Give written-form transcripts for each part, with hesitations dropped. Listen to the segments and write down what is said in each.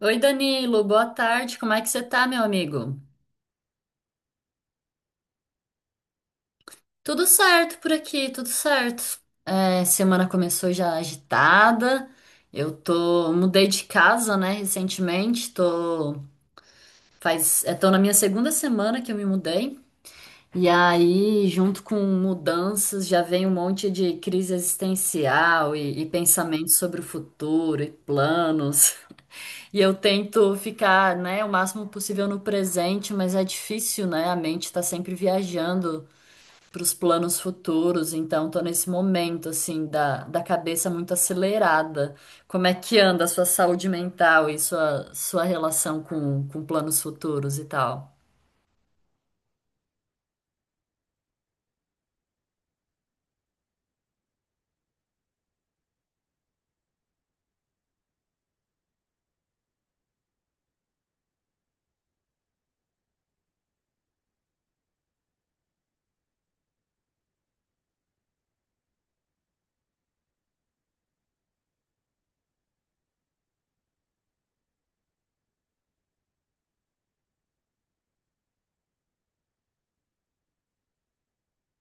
Oi, Danilo, boa tarde. Como é que você tá, meu amigo? Tudo certo por aqui, tudo certo. Semana começou já agitada. Mudei de casa, né, recentemente. Tô na minha segunda semana que eu me mudei. E aí, junto com mudanças, já vem um monte de crise existencial e pensamentos sobre o futuro e planos. E eu tento ficar, né, o máximo possível no presente, mas é difícil, né? A mente tá sempre viajando para os planos futuros, então tô nesse momento, assim, da cabeça muito acelerada. Como é que anda a sua saúde mental e sua relação com planos futuros e tal?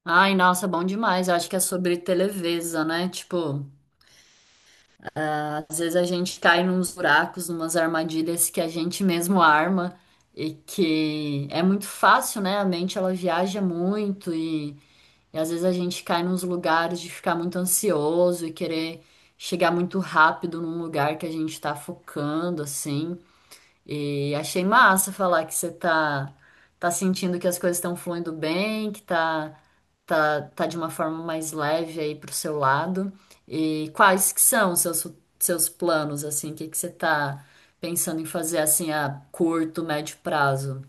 Ai, nossa, bom demais. Eu acho que é sobre televisa, né? Tipo. Às vezes a gente cai nos buracos, numas armadilhas que a gente mesmo arma e que é muito fácil, né? A mente ela viaja muito e às vezes a gente cai nos lugares de ficar muito ansioso e querer chegar muito rápido num lugar que a gente tá focando, assim. E achei massa falar que você tá, tá sentindo que as coisas estão fluindo bem, tá de uma forma mais leve aí pro seu lado. E quais que são os seus planos, assim, o que que você tá pensando em fazer, assim, a curto, médio prazo?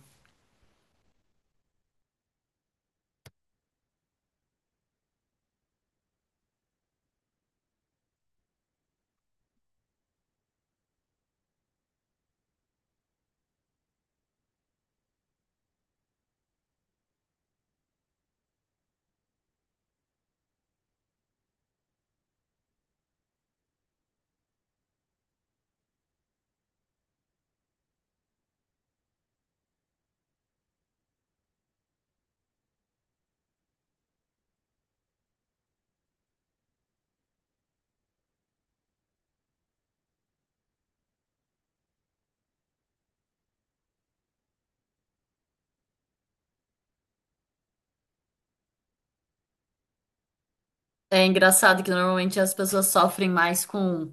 É engraçado que normalmente as pessoas sofrem mais com,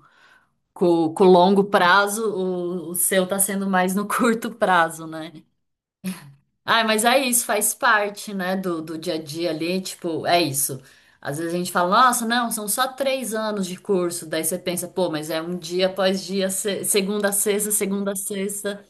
com, com o longo prazo, o seu tá sendo mais no curto prazo, né? Ah, mas é isso, faz parte, né, do dia a dia ali, tipo, é isso. Às vezes a gente fala, nossa, não, são só três anos de curso, daí você pensa, pô, mas é um dia após dia, segunda a sexta,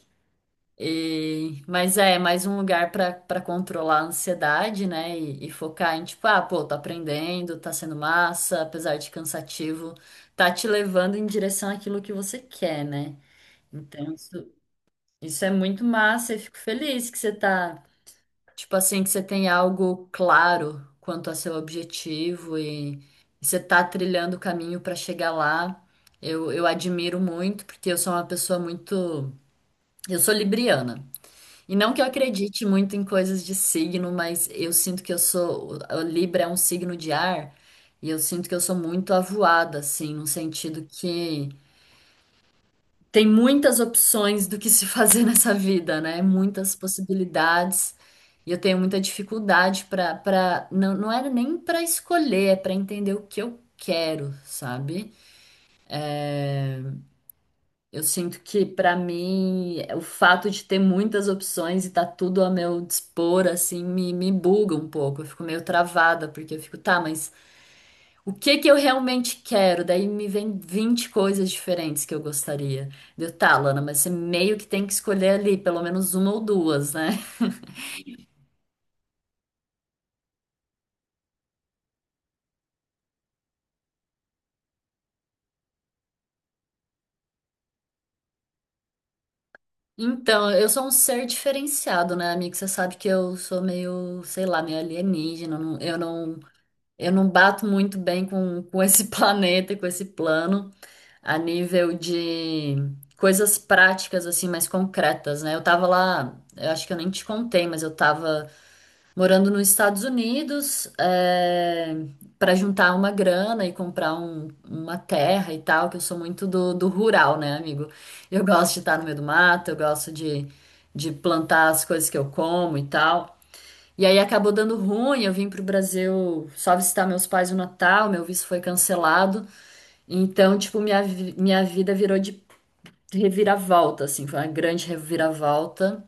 e... mas é mais um lugar pra para controlar a ansiedade, né, e focar em, tipo, ah, pô, tô aprendendo, tá sendo massa, apesar de cansativo, tá te levando em direção àquilo que você quer, né? Então, isso é muito massa, eu fico feliz que você tá. Tipo assim, que você tem algo claro quanto a seu objetivo e você tá trilhando o caminho para chegar lá. Eu admiro muito, porque eu sou uma pessoa muito. Eu sou libriana. E não que eu acredite muito em coisas de signo, mas eu sinto que eu sou. O Libra é um signo de ar, e eu sinto que eu sou muito avoada, assim, no sentido que. Tem muitas opções do que se fazer nessa vida, né? Muitas possibilidades. E eu tenho muita dificuldade para não, não era nem para escolher, é para entender o que eu quero, sabe? Eu sinto que para mim o fato de ter muitas opções e tá tudo a meu dispor assim me buga um pouco. Eu fico meio travada porque eu fico, tá, mas o que que eu realmente quero? Daí me vem 20 coisas diferentes que eu gostaria. Deu, tá, Lana, mas você meio que tem que escolher ali, pelo menos uma ou duas, né? Então, eu sou um ser diferenciado, né, amigo? Você sabe que eu sou meio, sei lá, meio alienígena. Eu não bato muito bem com esse planeta, e com esse plano, a nível de coisas práticas, assim, mais concretas, né? Eu tava lá, eu acho que eu nem te contei, mas eu tava. Morando nos Estados Unidos, é, para juntar uma grana e comprar uma terra e tal, que eu sou muito do rural, né, amigo? Eu gosto de estar no meio do mato, eu gosto de plantar as coisas que eu como e tal. E aí acabou dando ruim, eu vim pro Brasil só visitar meus pais no Natal, meu visto foi cancelado. Então, tipo, minha vida virou de reviravolta, assim, foi uma grande reviravolta.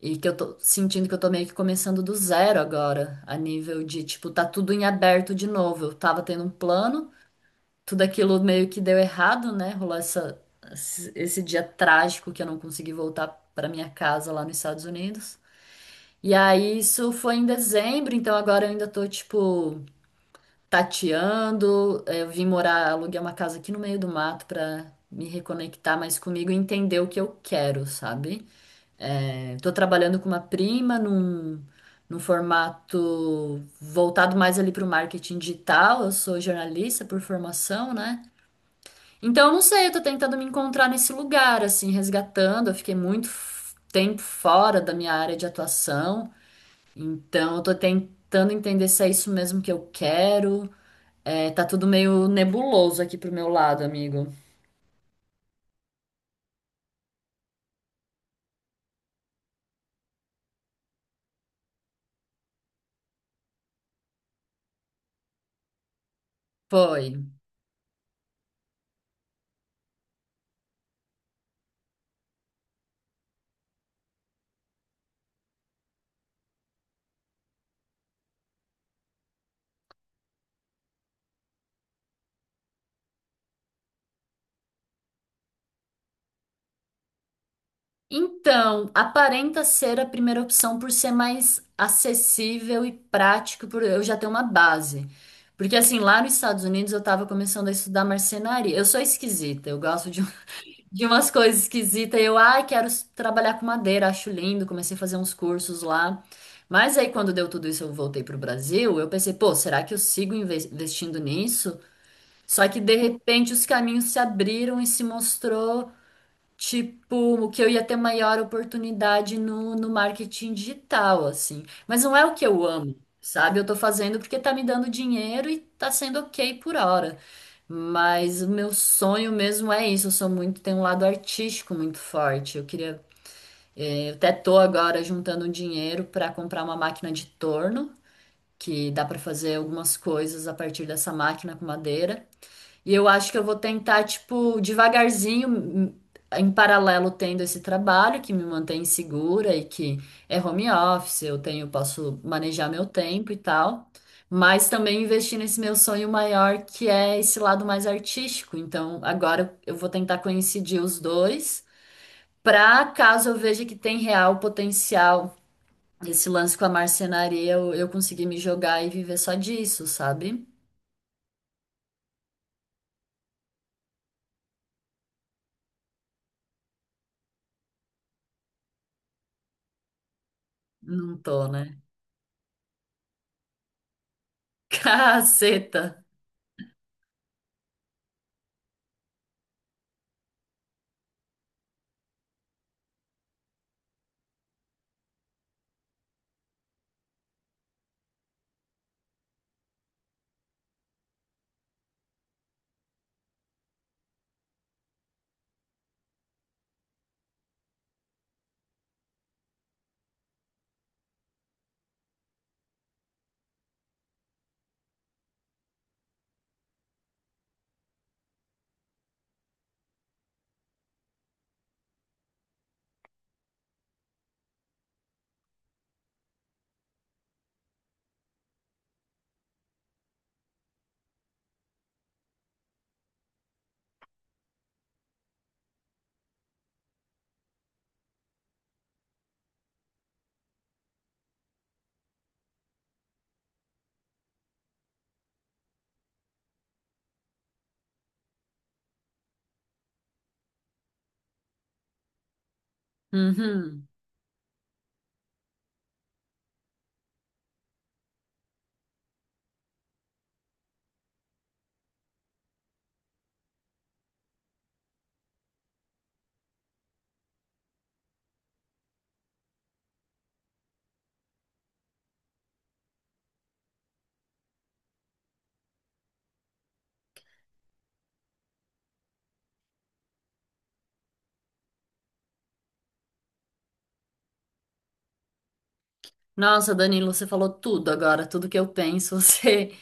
E que eu tô sentindo que eu tô meio que começando do zero agora, a nível de, tipo, tá tudo em aberto de novo. Eu tava tendo um plano, tudo aquilo meio que deu errado, né? Rolou esse dia trágico que eu não consegui voltar pra minha casa lá nos Estados Unidos. E aí isso foi em dezembro, então agora eu ainda tô, tipo, tateando. Eu vim morar, aluguei uma casa aqui no meio do mato pra me reconectar mais comigo e entender o que eu quero, sabe? Estou trabalhando com uma prima num formato voltado mais ali para o marketing digital. Eu sou jornalista por formação, né? Então, eu não sei, eu tô tentando me encontrar nesse lugar, assim, resgatando. Eu fiquei muito tempo fora da minha área de atuação. Então, eu tô tentando entender se é isso mesmo que eu quero. É, tá tudo meio nebuloso aqui pro meu lado, amigo. Foi. Então, aparenta ser a primeira opção por ser mais acessível e prático, por eu já ter uma base. Porque assim, lá nos Estados Unidos eu estava começando a estudar marcenaria. Eu sou esquisita, eu gosto de, de umas coisas esquisitas. Eu, ai, quero trabalhar com madeira, acho lindo, comecei a fazer uns cursos lá. Mas aí quando deu tudo isso, eu voltei pro Brasil, eu pensei, pô, será que eu sigo investindo nisso? Só que de repente os caminhos se abriram e se mostrou tipo, que eu ia ter maior oportunidade no marketing digital, assim. Mas não é o que eu amo, sabe? Eu tô fazendo porque tá me dando dinheiro e tá sendo ok por hora. Mas o meu sonho mesmo é isso. Eu sou muito, tenho um lado artístico muito forte. Eu queria, eu até tô agora juntando dinheiro para comprar uma máquina de torno, que dá para fazer algumas coisas a partir dessa máquina com madeira. E eu acho que eu vou tentar, tipo, devagarzinho, em paralelo tendo esse trabalho que me mantém segura e que é home office, eu tenho, posso manejar meu tempo e tal, mas também investir nesse meu sonho maior que é esse lado mais artístico. Então, agora eu vou tentar coincidir os dois, para caso eu veja que tem real potencial esse lance com a marcenaria, eu conseguir me jogar e viver só disso, sabe? Não tô, né? Caceta! Uhum. Nossa, Danilo, você falou tudo agora, tudo que eu penso,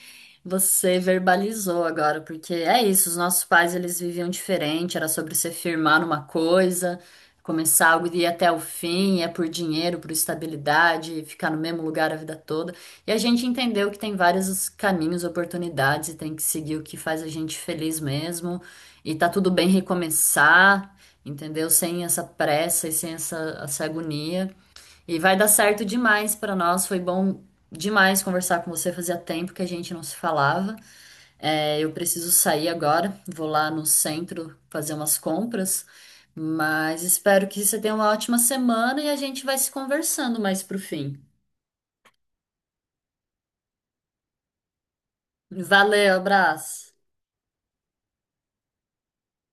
você verbalizou agora, porque é isso, os nossos pais eles viviam diferente, era sobre você firmar numa coisa, começar algo e ir até o fim, é por dinheiro, por estabilidade, ficar no mesmo lugar a vida toda. E a gente entendeu que tem vários caminhos, oportunidades e tem que seguir o que faz a gente feliz mesmo, e tá tudo bem recomeçar, entendeu? Sem essa pressa e sem essa agonia. E vai dar certo demais para nós. Foi bom demais conversar com você. Fazia tempo que a gente não se falava. É, eu preciso sair agora. Vou lá no centro fazer umas compras. Mas espero que você tenha uma ótima semana e a gente vai se conversando mais pro fim. Valeu, abraço.